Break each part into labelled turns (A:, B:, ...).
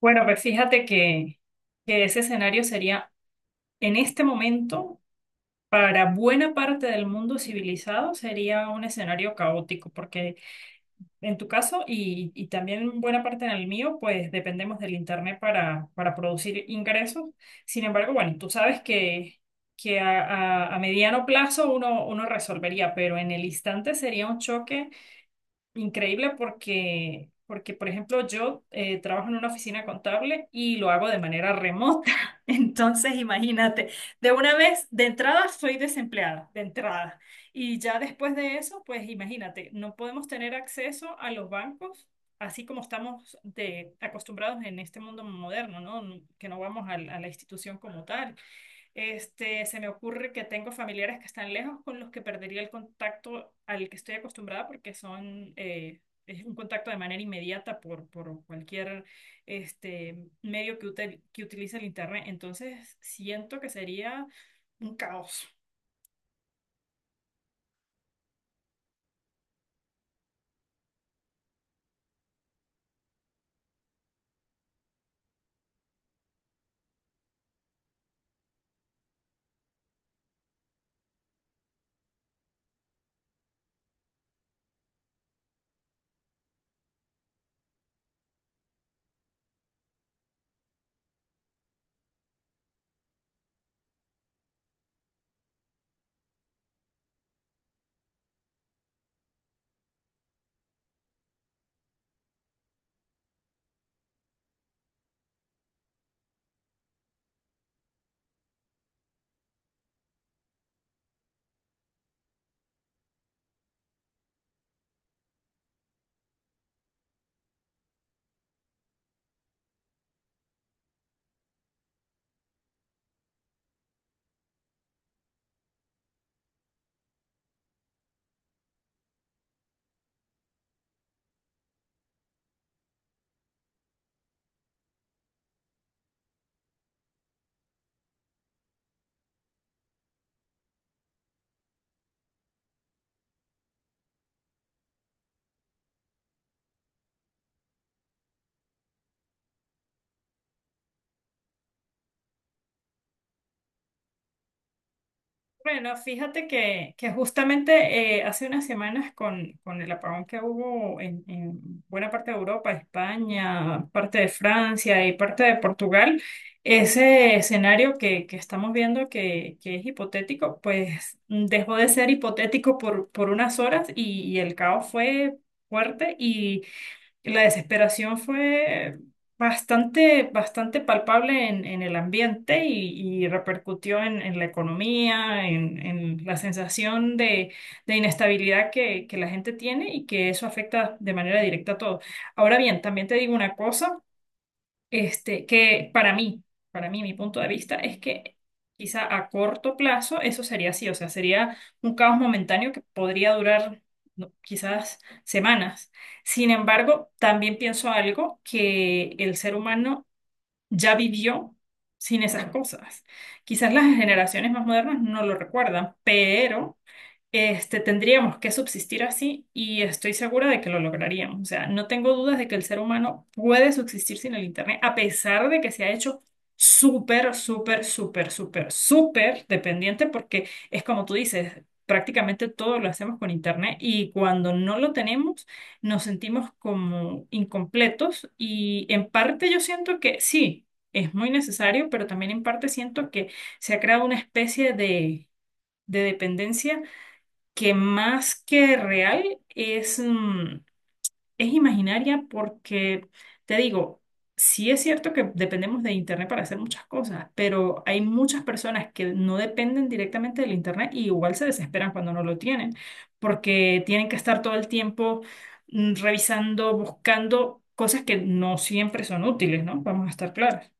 A: Bueno, pues fíjate que ese escenario sería, en este momento, para buena parte del mundo civilizado, sería un escenario caótico, porque en tu caso y también buena parte en el mío, pues dependemos del Internet para producir ingresos. Sin embargo, bueno, tú sabes que a mediano plazo uno resolvería, pero en el instante sería un choque increíble por ejemplo, yo trabajo en una oficina contable y lo hago de manera remota. Entonces, imagínate, de una vez, de entrada, soy desempleada, de entrada. Y ya después de eso, pues imagínate, no podemos tener acceso a los bancos. Así como estamos de acostumbrados en este mundo moderno, ¿no? Que no vamos a la institución como tal. Este, se me ocurre que tengo familiares que están lejos con los que perdería el contacto al que estoy acostumbrada porque son es un contacto de manera inmediata por cualquier este, medio que utilice el internet. Entonces siento que sería un caos. Bueno, fíjate que justamente hace unas semanas con el apagón que hubo en buena parte de Europa, España, parte de Francia y parte de Portugal, ese escenario que estamos viendo que es hipotético, pues dejó de ser hipotético por unas horas y el caos fue fuerte, la desesperación fue bastante, bastante palpable en el ambiente y repercutió en la economía, en la sensación de inestabilidad que la gente tiene y que eso afecta de manera directa a todo. Ahora bien, también te digo una cosa. Que para mí, mi punto de vista es que quizá a corto plazo eso sería así, o sea, sería un caos momentáneo que podría durar no, quizás semanas. Sin embargo, también pienso algo, que el ser humano ya vivió sin esas cosas. Quizás las generaciones más modernas no lo recuerdan, pero tendríamos que subsistir así y estoy segura de que lo lograríamos. O sea, no tengo dudas de que el ser humano puede subsistir sin el Internet, a pesar de que se ha hecho súper, súper, súper, súper, súper dependiente, porque es como tú dices, prácticamente todo lo hacemos con Internet y cuando no lo tenemos nos sentimos como incompletos y en parte yo siento que sí, es muy necesario, pero también en parte siento que se ha creado una especie de dependencia que más que real es, es imaginaria porque, te digo, sí es cierto que dependemos de Internet para hacer muchas cosas, pero hay muchas personas que no dependen directamente del Internet y igual se desesperan cuando no lo tienen, porque tienen que estar todo el tiempo revisando, buscando cosas que no siempre son útiles, ¿no? Vamos a estar claros.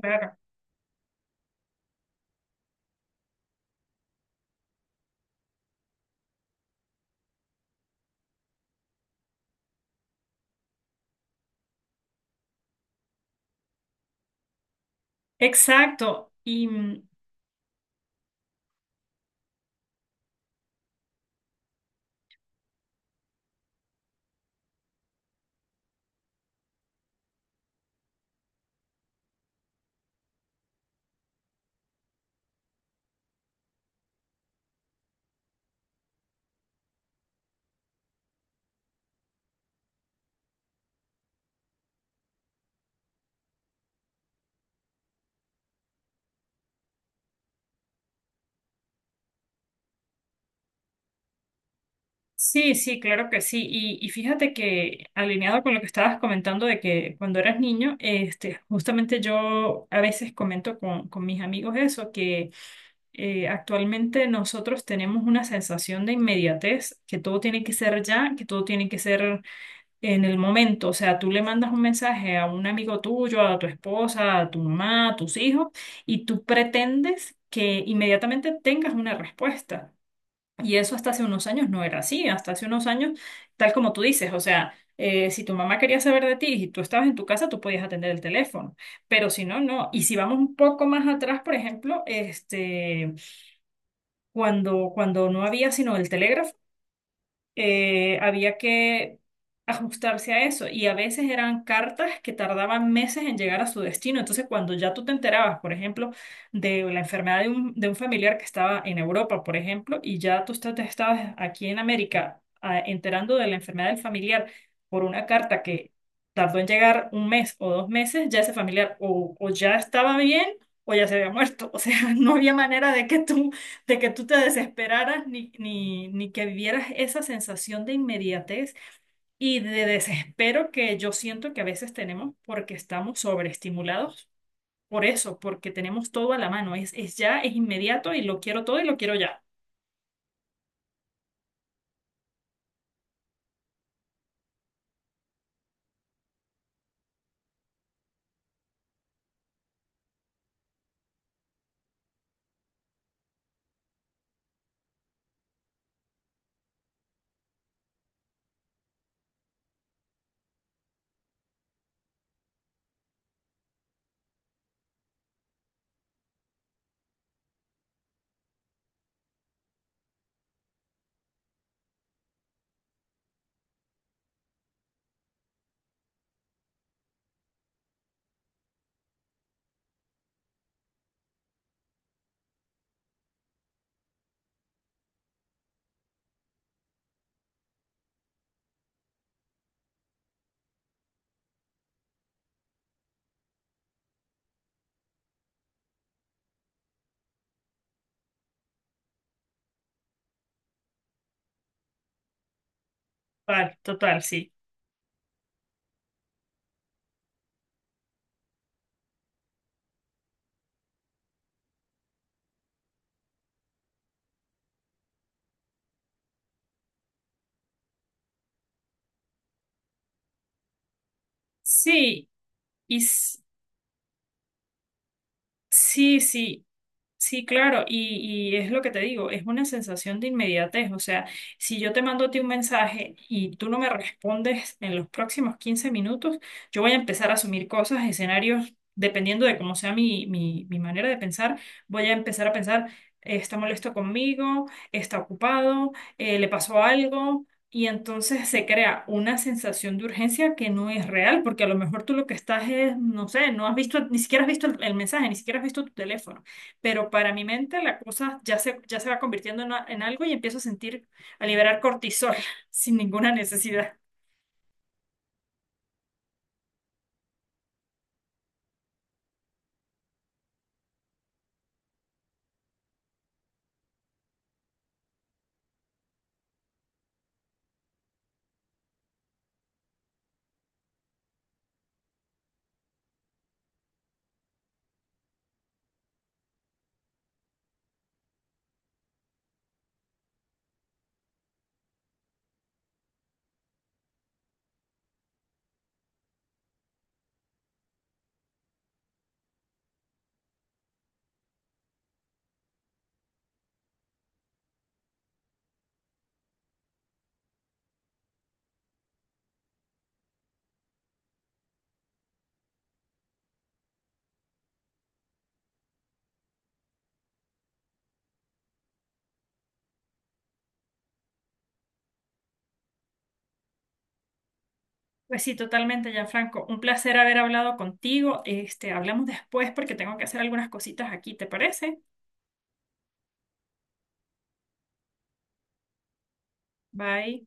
A: Claro. Exacto. Sí, sí, claro que sí. Y fíjate que, alineado con lo que estabas comentando de que cuando eras niño, este, justamente yo a veces comento con mis amigos eso, que actualmente nosotros tenemos una sensación de inmediatez, que todo tiene que ser ya, que todo tiene que ser en el momento. O sea, tú le mandas un mensaje a un amigo tuyo, a tu esposa, a tu mamá, a tus hijos, y tú pretendes que inmediatamente tengas una respuesta. Y eso hasta hace unos años no era así, hasta hace unos años, tal como tú dices, o sea, si tu mamá quería saber de ti y tú estabas en tu casa, tú podías atender el teléfono, pero si no, no. Y si vamos un poco más atrás, por ejemplo, cuando no había sino el telégrafo, había que ajustarse a eso y a veces eran cartas que tardaban meses en llegar a su destino. Entonces, cuando ya tú te enterabas, por ejemplo, de la enfermedad de un familiar que estaba en Europa, por ejemplo, y ya te estabas aquí en América enterando de la enfermedad del familiar por una carta que tardó en llegar un mes o dos meses, ya ese familiar o ya estaba bien o ya se había muerto. O sea, no había manera de que tú te desesperaras ni, ni, ni que vivieras esa sensación de inmediatez y de desespero que yo siento que a veces tenemos porque estamos sobreestimulados por eso, porque tenemos todo a la mano, es ya, es inmediato y lo quiero todo y lo quiero ya. Total, total, sí. Sí, y s- sí, sí. Sí, claro, y es lo que te digo, es una sensación de inmediatez, o sea, si yo te mando a ti un mensaje y tú no me respondes en los próximos 15 minutos, yo voy a empezar a asumir cosas, escenarios, dependiendo de cómo sea mi manera de pensar, voy a empezar a pensar, está molesto conmigo, está ocupado, le pasó algo, y entonces se crea una sensación de urgencia que no es real, porque a lo mejor tú lo que estás es, no sé, no has visto, ni siquiera has visto el mensaje, ni siquiera has visto tu teléfono, pero para mi mente la cosa ya se va convirtiendo en, en algo y empiezo a sentir, a liberar cortisol sin ninguna necesidad. Pues sí, totalmente, Gianfranco. Un placer haber hablado contigo. Este, hablamos después porque tengo que hacer algunas cositas aquí, ¿te parece? Bye.